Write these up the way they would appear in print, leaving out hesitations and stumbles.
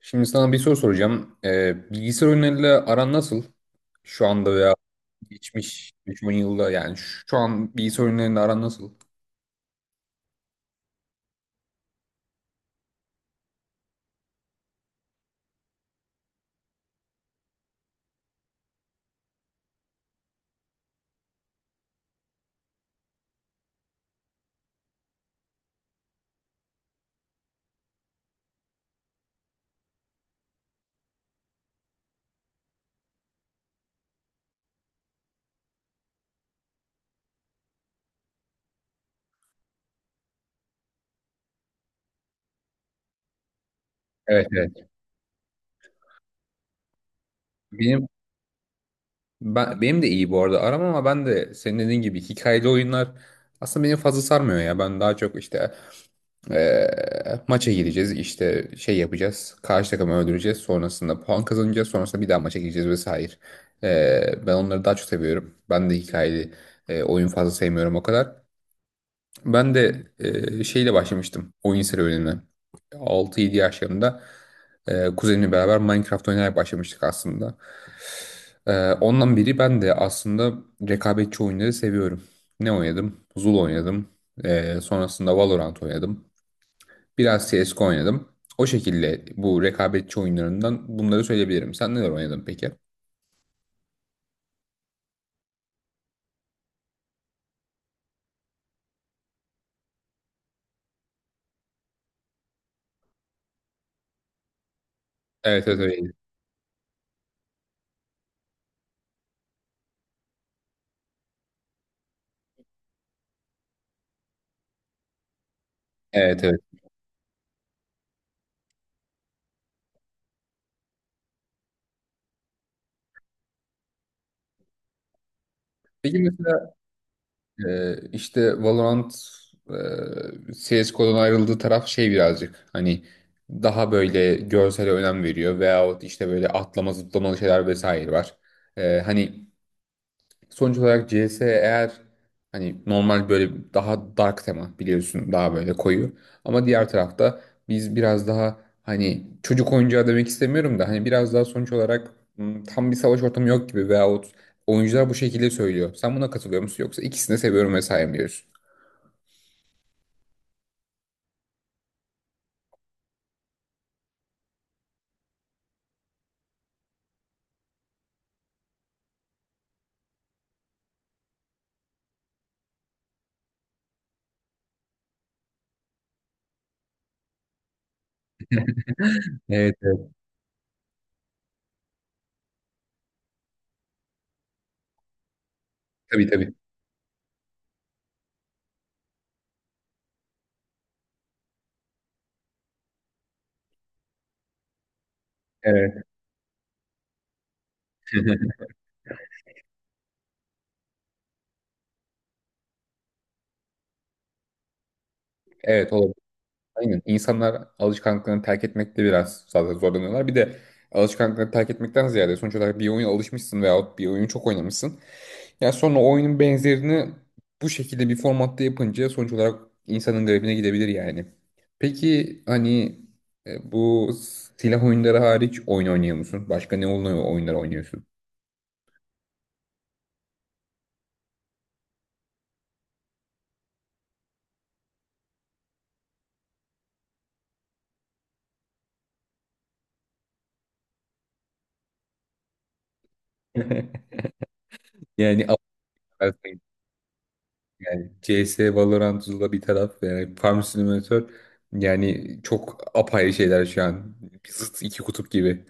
Şimdi sana bir soru soracağım. Bilgisayar oyunlarıyla aran nasıl? Şu anda veya geçmiş 3-10 yılda, yani şu an bilgisayar oyunlarıyla aran nasıl? Evet, evet. Benim benim de iyi bu arada aram, ama ben de senin dediğin gibi hikayeli oyunlar aslında beni fazla sarmıyor ya. Ben daha çok işte maça gireceğiz, işte şey yapacağız, karşı takımı öldüreceğiz, sonrasında puan kazanacağız, sonrasında bir daha maça gireceğiz vesaire. Ben onları daha çok seviyorum. Ben de hikayeli oyun fazla sevmiyorum o kadar. Ben de şeyle başlamıştım oyun serüvenine. 6-7 yaşlarında kuzenimle beraber Minecraft oynayarak başlamıştık aslında. Ondan beri ben de aslında rekabetçi oyunları seviyorum. Ne oynadım? Zul oynadım. Sonrasında Valorant oynadım. Biraz CSGO oynadım. O şekilde bu rekabetçi oyunlarından bunları söyleyebilirim. Sen neler oynadın peki? Evet, evet, öyleydi. Evet, evet. Peki mesela, işte Valorant CSGO'dan ayrıldığı taraf şey, birazcık hani daha böyle görsele önem veriyor, veyahut işte böyle atlama zıplamalı şeyler vesaire var. Hani sonuç olarak CS eğer, hani normal böyle, daha dark tema, biliyorsun, daha böyle koyu. Ama diğer tarafta biz biraz daha hani çocuk oyuncağı demek istemiyorum da, hani biraz daha sonuç olarak tam bir savaş ortamı yok gibi, veyahut oyuncular bu şekilde söylüyor. Sen buna katılıyor musun, yoksa ikisini de seviyorum vesaire mi diyorsun? Evet, evet. Tabii, tabii. Evet. Evet, olabilir. Aynen. İnsanlar alışkanlıklarını terk etmekte biraz zaten zorlanıyorlar. Bir de alışkanlıklarını terk etmekten ziyade, sonuç olarak bir oyuna alışmışsın veyahut bir oyunu çok oynamışsın. Ya sonra oyunun benzerini bu şekilde bir formatta yapınca, sonuç olarak insanın garibine gidebilir yani. Peki hani bu silah oyunları hariç oyun oynuyor musun? Başka ne oyunlar oynuyorsun? Yani affedersin, yani CS, Valorant, Zula bir taraf, yani Farm Simulator, yani çok apayrı şeyler şu an. Zıt iki kutup gibi.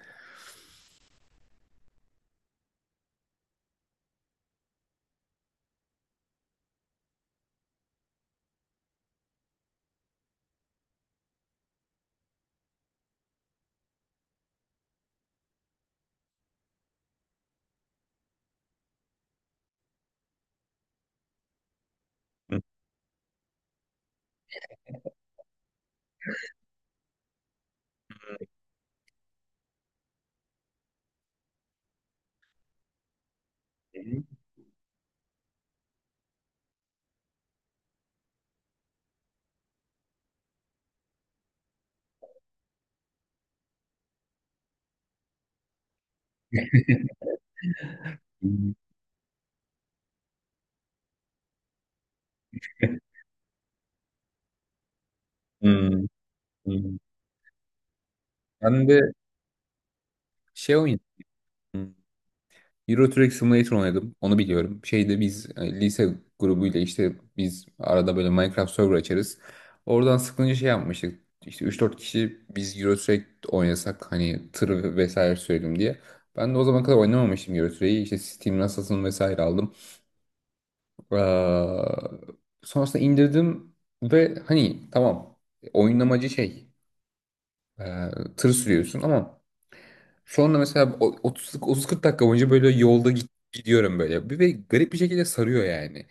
Hmm. Hmm. Hmm. Ben de şey oynadım. Euro Truck Simulator oynadım. Onu biliyorum. Şeyde biz lise grubuyla, işte biz arada böyle Minecraft server açarız. Oradan sıkılınca şey yapmıştık. İşte 3-4 kişi biz Euro Truck oynasak, hani tır vesaire sürelim diye. Ben de o zaman kadar oynamamıştım Euro Truck'i. İşte Steam Assassin vesaire aldım. Ee, Sonrasında indirdim ve hani tamam, oyun amacı şey, e, tır sürüyorsun ama sonra mesela 30 30-40 dakika boyunca böyle yolda gidiyorum böyle. Ve garip bir şekilde sarıyor yani.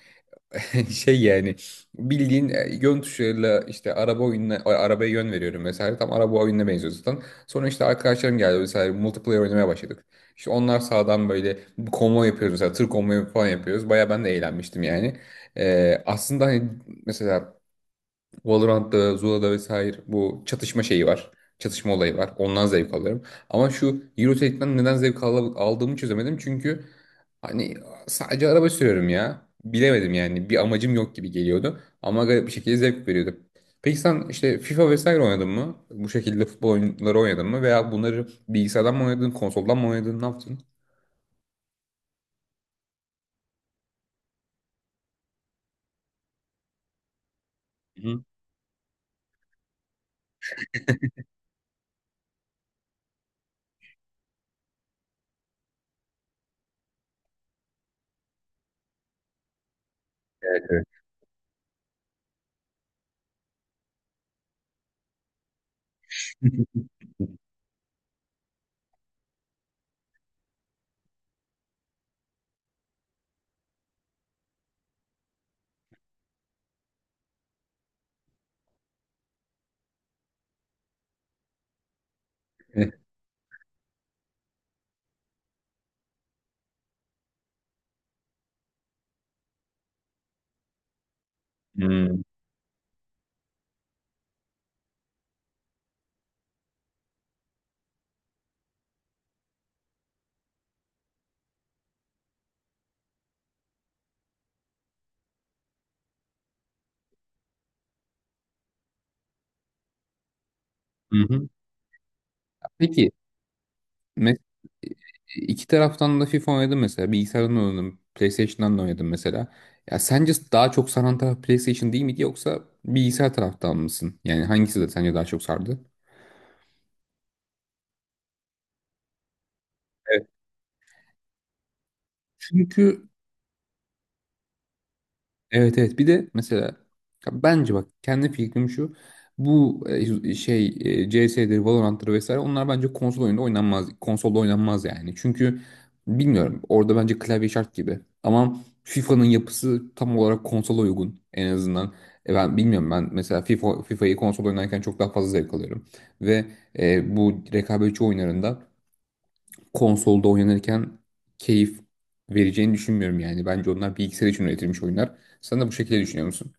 Şey yani bildiğin yön tuşuyla, işte araba oyununa arabaya yön veriyorum mesela. Tam araba oyununa benziyor zaten. Sonra işte arkadaşlarım geldi, mesela multiplayer oynamaya başladık. İşte onlar sağdan böyle bir konvoy yapıyoruz, mesela tır konvoyu falan yapıyoruz. Baya ben de eğlenmiştim yani. Aslında hani mesela Valorant'ta, Zula'da vesaire bu çatışma şeyi var. Çatışma olayı var. Ondan zevk alıyorum. Ama şu Eurotrack'ten neden zevk aldığımı çözemedim. Çünkü hani sadece araba sürüyorum ya. Bilemedim yani. Bir amacım yok gibi geliyordu. Ama garip bir şekilde zevk veriyordu. Peki sen işte FIFA vesaire oynadın mı? Bu şekilde futbol oyunları oynadın mı? Veya bunları bilgisayardan mı oynadın, konsoldan mı oynadın, ne yaptın? Hı hı. Hı hı. Hı hı. Peki. Me- iki taraftan da FIFA oynadım mesela. Bilgisayardan oynadım. PlayStation'dan da oynadım mesela. Ya sence daha çok saran taraf PlayStation değil miydi, yoksa bilgisayar taraftan mısın? Yani hangisi de sence daha çok sardı? Evet. Çünkü Evet, evet, bir de mesela, ya bence, bak, kendi fikrim şu: bu şey, CS'dir, Valorant'tır vesaire, onlar bence konsolda oynanmaz yani, çünkü bilmiyorum, orada bence klavye şart gibi, ama FIFA'nın yapısı tam olarak konsola uygun en azından. Ben bilmiyorum, ben mesela FIFA'yı konsol oynarken çok daha fazla zevk alıyorum ve bu rekabetçi oyunlarında konsolda oynanırken keyif vereceğini düşünmüyorum yani. Bence onlar bilgisayar için üretilmiş oyunlar. Sen de bu şekilde düşünüyor musun?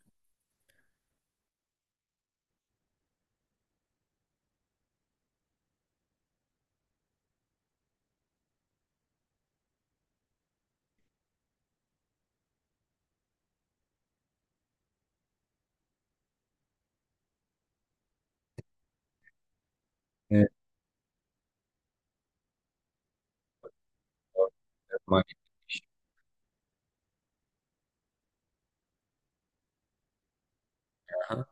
Maalesef. Aha.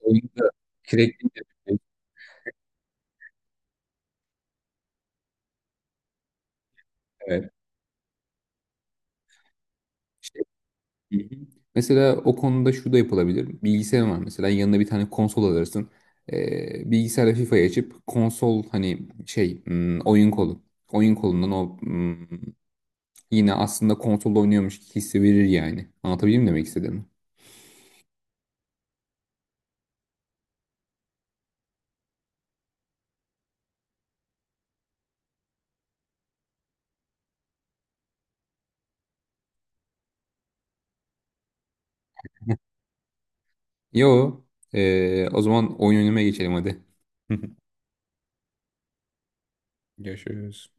Oyunda sürekli şey. Evet. İşte, hı hı. Mesela o konuda şu da yapılabilir. Bilgisayar var mesela, yanına bir tane konsol alırsın. Bilgisayarda FIFA'yı açıp konsol hani şey, oyun kolu. Oyun kolundan o, yine aslında konsolda oynuyormuş hissi verir yani. Anlatabildim mi demek istediğimi? Yo. O zaman oyun oynamaya geçelim hadi. Görüşürüz.